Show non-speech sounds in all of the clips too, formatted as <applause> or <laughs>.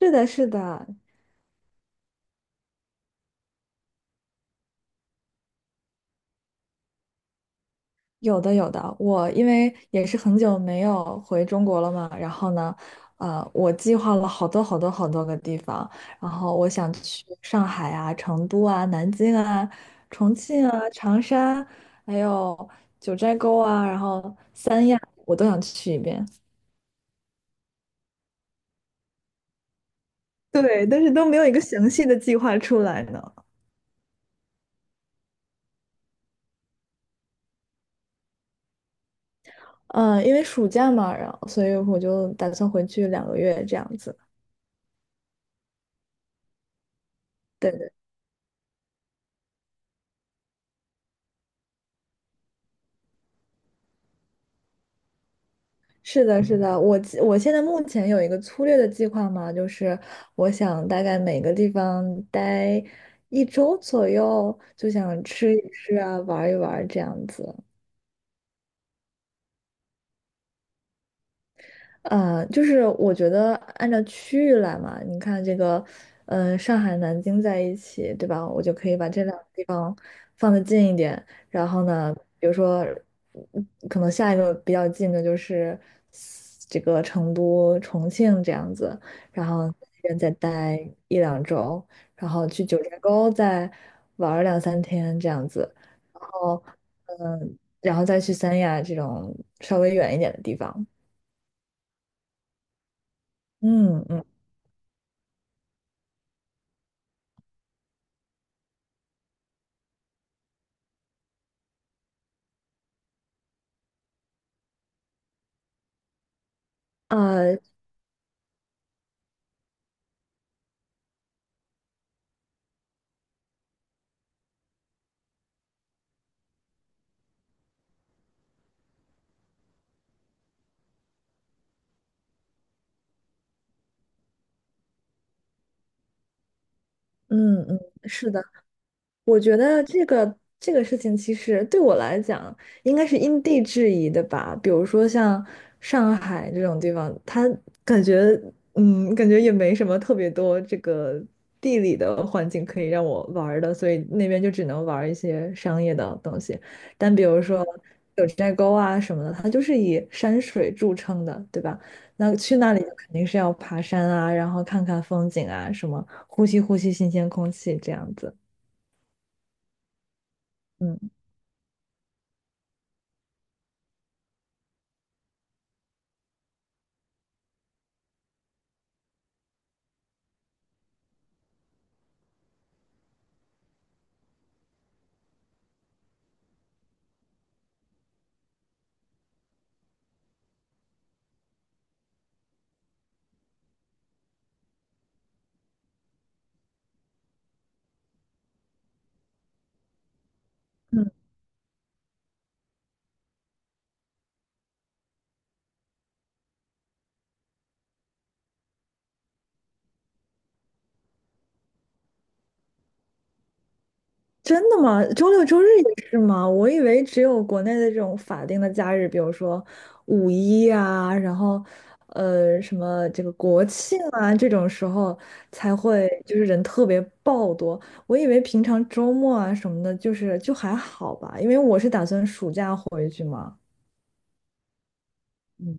是的，是的，有的，有的。我因为也是很久没有回中国了嘛，然后呢，我计划了好多好多好多个地方，然后我想去上海啊、成都啊、南京啊、重庆啊、长沙，还有九寨沟啊，然后我都想去一遍。对，但是都没有一个详细的计划出来呢。嗯，因为暑假嘛，然后所以我就打算回去2个月这样子。对。是的，是的，我现在目前有一个粗略的计划嘛，就是我想大概每个地方待1周左右，就想吃一吃啊，玩一玩这样子。就是我觉得按照区域来嘛，你看这个，上海、南京在一起，对吧？我就可以把这两个地方放得近一点。然后呢，比如说，可能下一个比较近的就是。这个成都、重庆这样子，然后在那边再待1-2周，然后去九寨沟再玩儿2-3天这样子，然后然后再去三亚这种稍微远一点的地方。嗯嗯呃嗯嗯，是的。我觉得这个这个事情，其实对我来讲，应该是因地制宜的吧。比如说像上海这种地方，它感觉，感觉也没什么特别多这个地理的环境可以让我玩儿的，所以那边就只能玩儿一些商业的东西。但比如说九寨沟啊什么的，它就是以山水著称的，对吧？那去那里就肯定是要爬山啊，然后看看风景啊，什么呼吸呼吸新鲜空气这样子。嗯。真的吗？周六周日也是吗？我以为只有国内的这种法定的假日，比如说五一啊，然后什么这个国庆啊这种时候才会就是人特别爆多。我以为平常周末啊什么的，就是就还好吧，因为我是打算暑假回去嘛。嗯。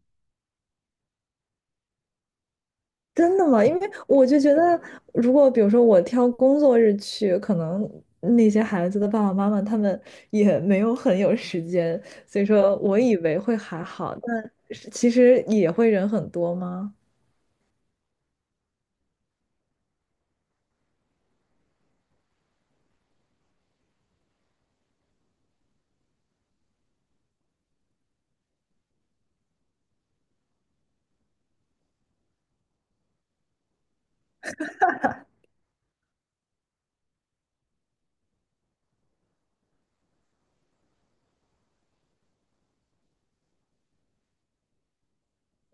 真的吗？因为我就觉得，如果比如说我挑工作日去，可能那些孩子的爸爸妈妈他们也没有很有时间，所以说我以为会还好，但是其实也会人很多吗？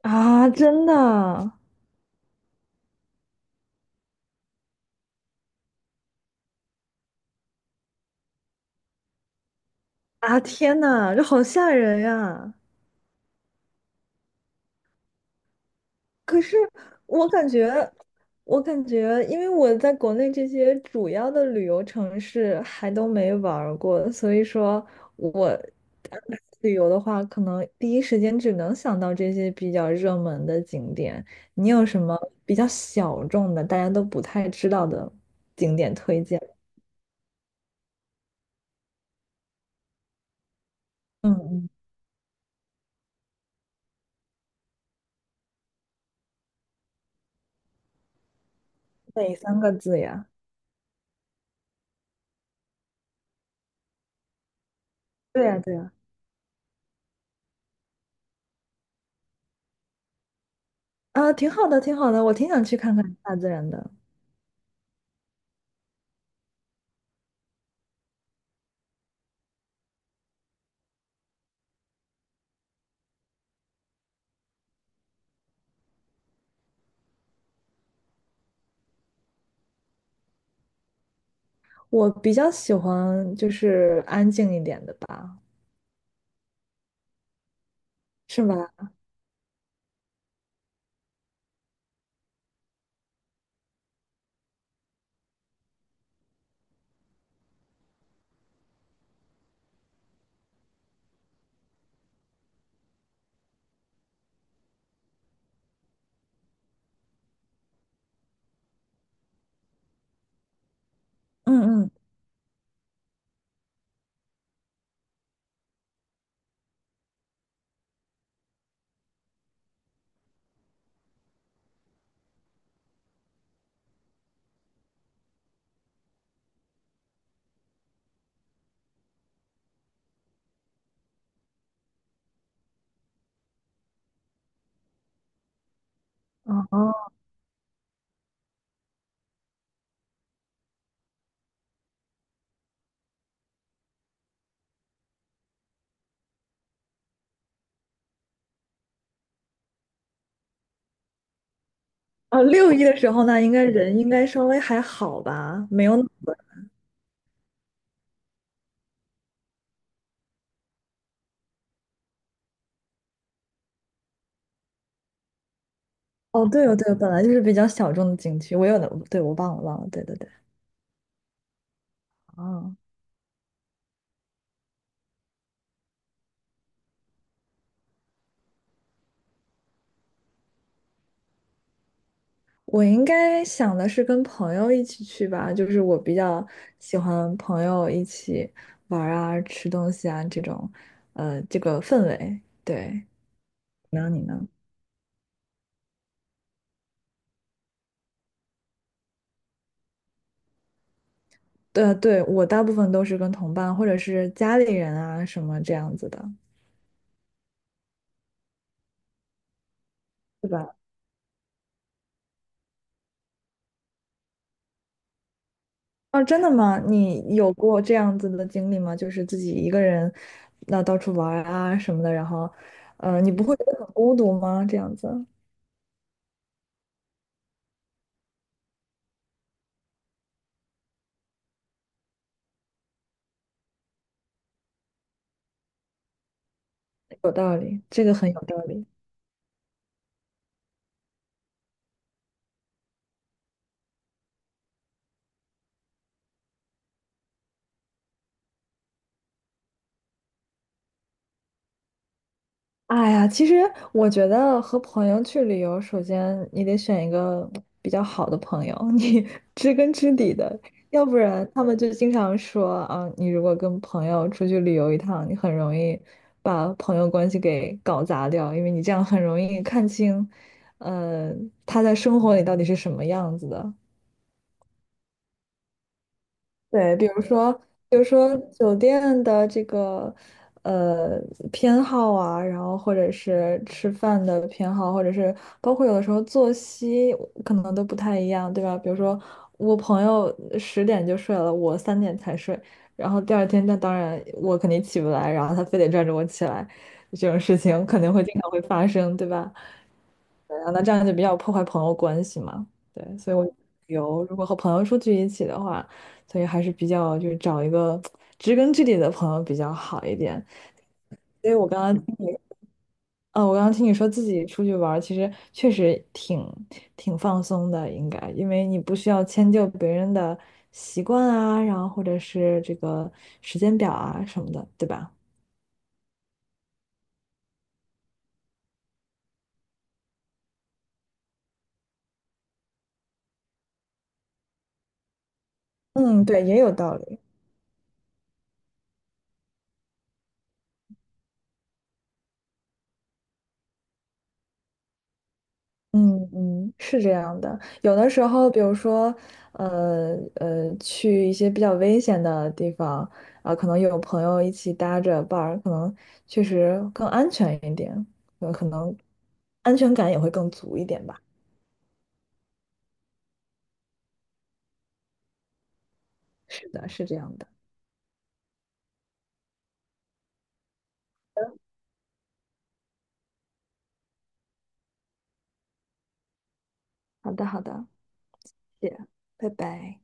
啊，真的啊！天呐，这好吓人呀！可是我感觉，我感觉，因为我在国内这些主要的旅游城市还都没玩儿过，所以说我安排旅游的话，可能第一时间只能想到这些比较热门的景点。你有什么比较小众的，大家都不太知道的景点推荐？嗯嗯，哪三个字呀？对呀，对呀，啊，挺好的，挺好的，我挺想去看看大自然的。我比较喜欢就是安静一点的吧。是吧？嗯嗯，哦，哦，哦，六一的时候呢，应该人应该稍微还好吧，没有那么哦，对哦，对哦本来就是比较小众的景区，我有的，对，我忘了忘了，对对对。哦，我应该想的是跟朋友一起去吧，就是我比较喜欢朋友一起玩儿啊、吃东西啊这种，这个氛围。对，然后你呢？对对，我大部分都是跟同伴或者是家里人啊什么这样子的。对吧？啊，真的吗？你有过这样子的经历吗？就是自己一个人，那到处玩儿啊什么的，然后，你不会觉得很孤独吗？这样子有道理，这个很有道理。哎呀，其实我觉得和朋友去旅游，首先你得选一个比较好的朋友，你 <laughs> 知根知底的，要不然他们就经常说啊，你如果跟朋友出去旅游一趟，你很容易把朋友关系给搞砸掉，因为你这样很容易看清，呃，他在生活里到底是什么样子的。对，比如说，比如说酒店的这个呃偏好啊，然后或者是吃饭的偏好，或者是包括有的时候作息可能都不太一样，对吧？比如说我朋友10点就睡了，我3点才睡，然后第二天那当然我肯定起不来，然后他非得拽着我起来，这种事情肯定会经常会发生，对吧？对啊那这样就比较破坏朋友关系嘛。对，所以我有，如果和朋友出去一起的话。所以还是比较就是找一个知根知底的朋友比较好一点。所以我刚刚听你说自己出去玩儿，其实确实挺放松的，应该，因为你不需要迁就别人的习惯啊，然后或者是这个时间表啊什么的，对吧？嗯，对，也有道理。嗯嗯，是这样的。有的时候，比如说，去一些比较危险的地方，啊、可能有朋友一起搭着伴儿，可能确实更安全一点，可能安全感也会更足一点吧。是的，是这样的。好的，好的，谢谢，拜拜。